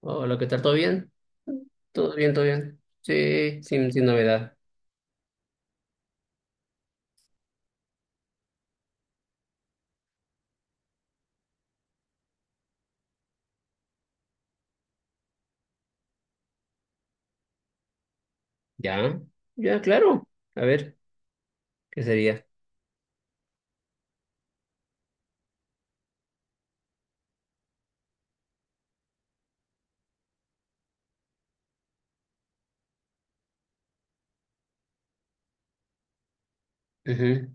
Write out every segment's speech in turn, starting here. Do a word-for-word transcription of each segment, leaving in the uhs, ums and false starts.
Hola, ¿qué tal? ¿Todo bien? Todo bien, todo bien. Sí, sin, sin novedad. Ya, ya, claro. A ver, ¿qué sería? Ujú.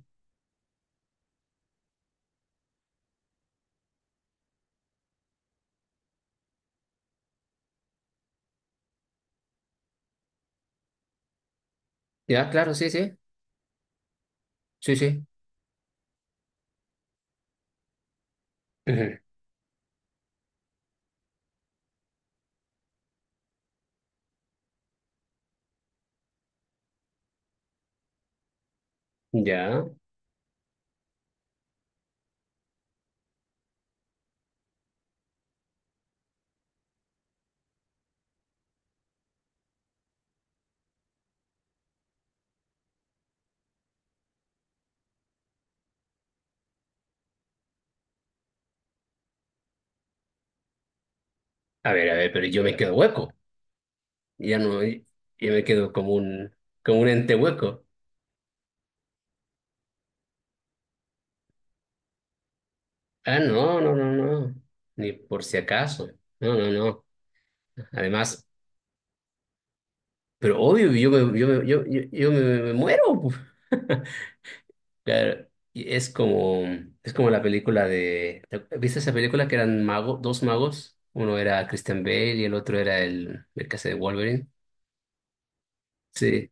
Ya, claro, sí, sí. Sí, sí. Ujú. Ya. A ver, a ver, pero yo me quedo hueco. Ya no, yo me quedo como un, como un ente hueco. Ah, no, no, no, no. Ni por si acaso. No, no, no. Además, pero obvio, yo me, yo me, yo, yo, yo me, me muero. Claro, y es como, es como la película de, ¿viste esa película que eran mago, dos magos? Uno era Christian Bale y el otro era el, el que hace de Wolverine. Sí,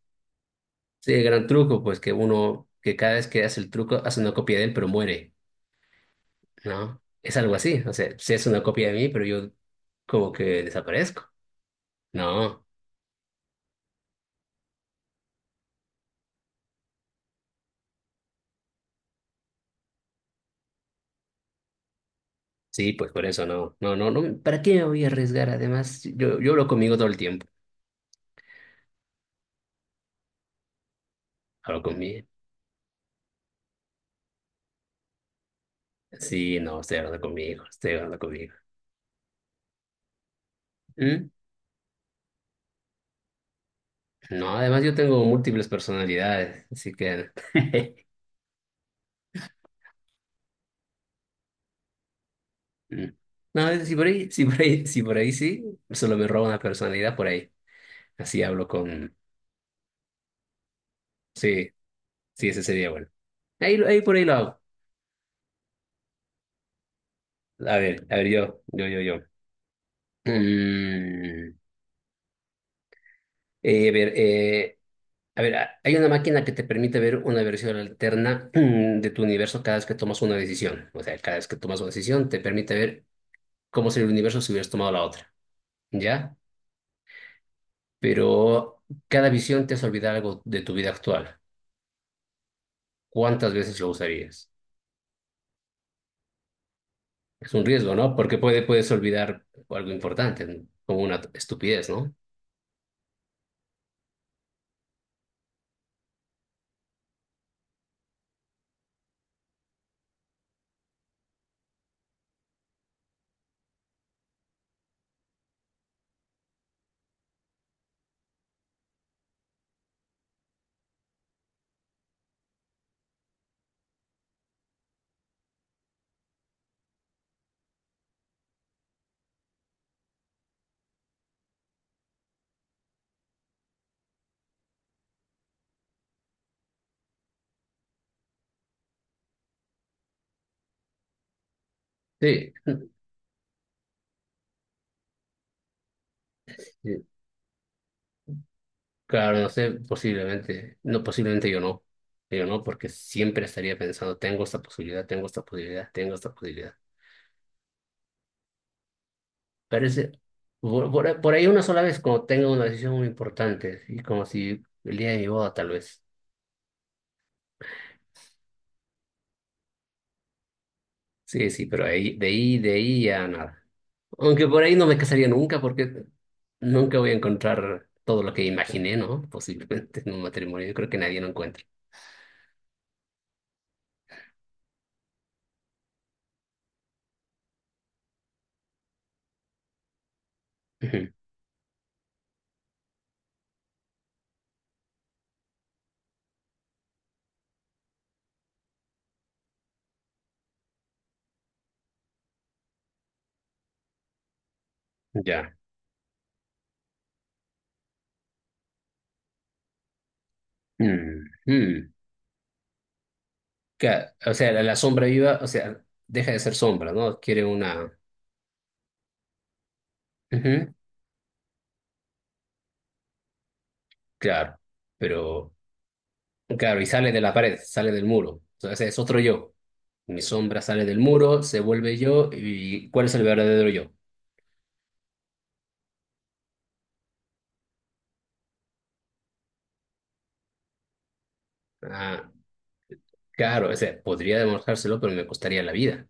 sí, el gran truco, pues que uno, que cada vez que hace el truco, hace una copia de él, pero muere, ¿no? Es algo así, o sea, sí es una copia de mí, pero yo como que desaparezco. No, sí, pues por eso no, no, no, no, ¿para qué me voy a arriesgar? Además, yo, yo hablo conmigo todo el tiempo, hablo conmigo. Sí, no, estoy hablando conmigo, estoy hablando conmigo. ¿Mm? No, además yo tengo múltiples personalidades, así que... Mm. No, es- si por ahí, si por ahí, si por ahí sí, solo me roba una personalidad por ahí. Así hablo con... Sí, sí, ese sería bueno. Ahí, lo- ahí por ahí lo hago. A ver, a ver, yo, yo, yo, yo. Mm, eh, a ver, eh, a ver, a- hay una máquina que te permite ver una versión alterna de tu universo cada vez que tomas una decisión. O sea, cada vez que tomas una decisión te permite ver cómo sería el universo si hubieras tomado la otra. ¿Ya? Pero cada visión te hace olvidar algo de tu vida actual. ¿Cuántas veces lo usarías? Es un riesgo, ¿no? Porque puede, puedes olvidar algo importante, ¿no?, como una estupidez, ¿no? Sí, sí. Claro, no sé, posiblemente, no, posiblemente yo no, yo no, porque siempre estaría pensando, tengo esta posibilidad, tengo esta posibilidad, tengo esta posibilidad. Parece, por, por- por ahí una sola vez, como tengo una decisión muy importante, y como si el día de mi boda, tal vez. Sí, sí, pero ahí, de ahí, de ahí ya nada. Aunque por ahí no me casaría nunca porque nunca voy a encontrar todo lo que imaginé, ¿no? Posiblemente en un matrimonio. Yo creo que nadie lo encuentra. Ujú. Ya. Mm, mm. Ca- O sea, la, la sombra viva, o sea, deja de ser sombra, ¿no? Quiere una... Ujú. Claro, pero... Claro, y sale de la pared, sale del muro. O es otro yo. Mi sombra sale del muro, se vuelve yo, ¿y cuál es el verdadero yo? Ah, claro, o sea, podría demostrárselo, pero me costaría la vida.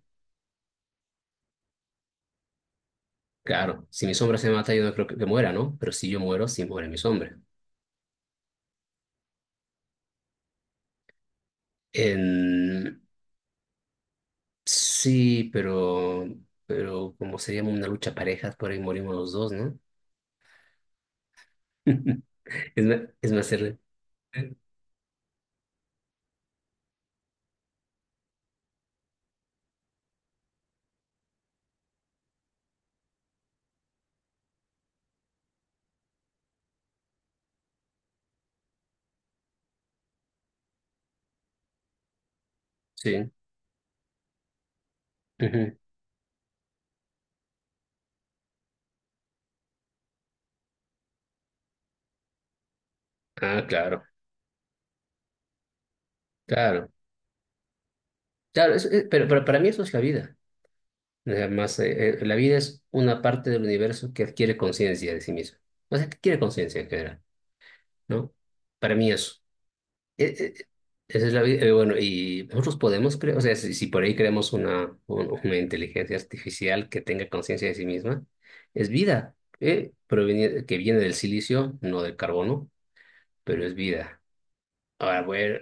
Claro, si mi sombra se mata, yo no creo que, que muera, ¿no? Pero si yo muero, sí muere mi sombra. En- Sí, pero, pero como sería una lucha parejas, por ahí morimos los dos, ¿no? Es más, es más ser- Sí. Ujú. Ah, claro, claro. Claro, es- es- pero, pero para mí eso es la vida. Además, eh, eh, la vida es una parte del universo que adquiere conciencia de sí misma. O sea, que adquiere conciencia en general, ¿no? Para mí eso. Eh, eh, Esa es la vida. eh, bueno, y nosotros podemos creer, o sea, si, si por ahí creamos una, un- una inteligencia artificial que tenga conciencia de sí misma, es vida, eh, proveni- que viene del silicio, no del carbono, pero es vida. Ahora, bueno,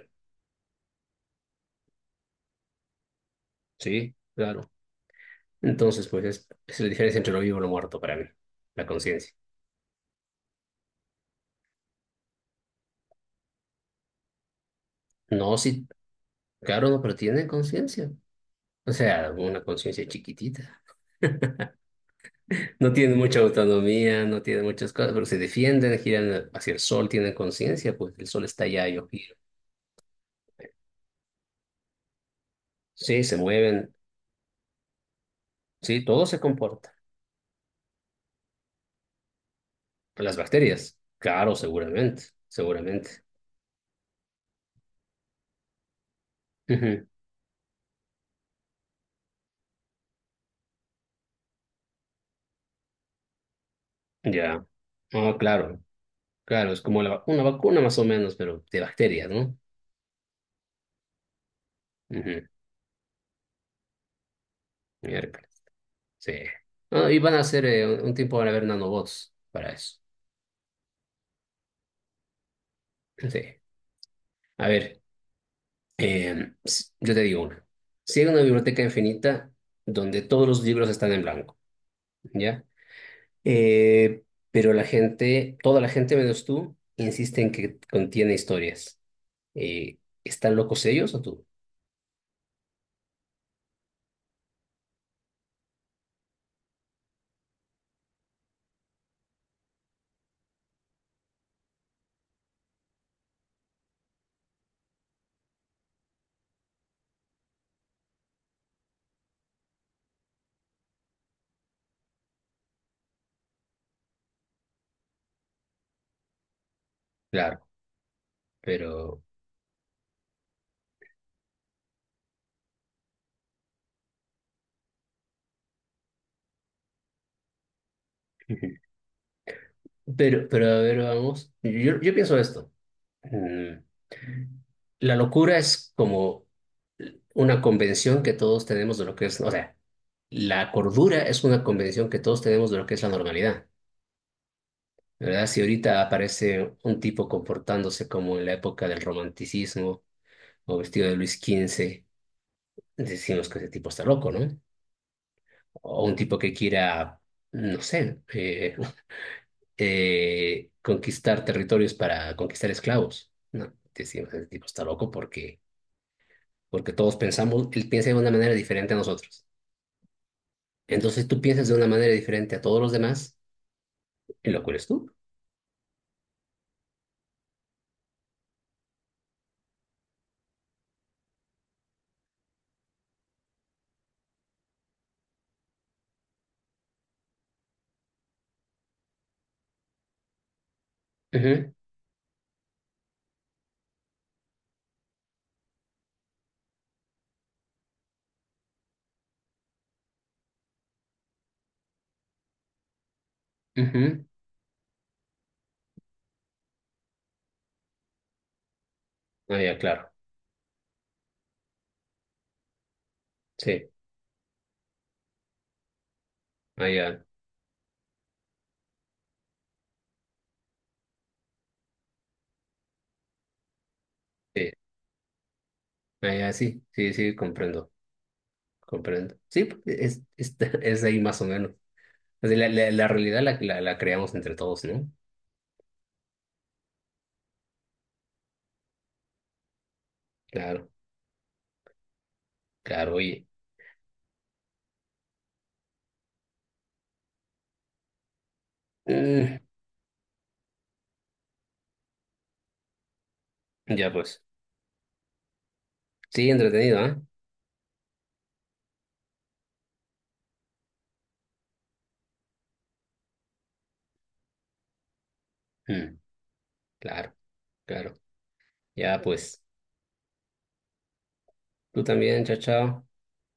sí, claro. Entonces, pues es, es la diferencia entre lo vivo y lo muerto para mí, la conciencia. No, sí, claro, no, pero tienen conciencia. O sea, una conciencia chiquitita. No tienen mucha autonomía, no tienen muchas cosas, pero se defienden, giran hacia el sol, tienen conciencia, pues el sol está allá, yo giro. Sí, se mueven, sí, todo se comporta. Las bacterias, claro, seguramente, seguramente. Ujú. Ya. Ah, claro, claro, es como la va- una vacuna más o menos, pero de bacterias, ¿no? Ujú. Miércoles, sí. Ah, y van a hacer, eh, un un tiempo van a haber nanobots para eso. Sí. A ver. Eh, s- yo te digo una. Si hay una biblioteca infinita donde todos los libros están en blanco, ¿ya? Eh, pero la gente, toda la gente menos tú, insiste en que contiene historias. Eh, ¿están locos ellos o tú? Claro, pero, Ujú. pero, pero a ver, vamos. Yo, yo pienso esto. Mm, La locura es como una convención que todos tenemos de lo que es, o sea, la cordura es una convención que todos tenemos de lo que es la normalidad. ¿Verdad? Si ahorita aparece un tipo comportándose como en la época del romanticismo o vestido de Luis quince, decimos que ese tipo está loco, ¿no? O un tipo que quiera, no sé, eh, eh, conquistar territorios para conquistar esclavos. No, decimos ese tipo está loco porque, porque todos pensamos, él piensa de una manera diferente a nosotros. Entonces tú piensas de una manera diferente a todos los demás y lo eres tú. Ujú, ujú. Ah, ya, claro. Sí, ah, ya. Sí, ah, ya, sí, sí, sí, comprendo, comprendo. Sí, pues, es, es, es ahí más o menos. O sea, la, la, la realidad la, la, la creamos entre todos, ¿no? Claro, claro, oye. Mm, ya pues. Sí, entretenido, ¿ah? Mm, claro, claro. Ya pues. Tú también, chao, chao.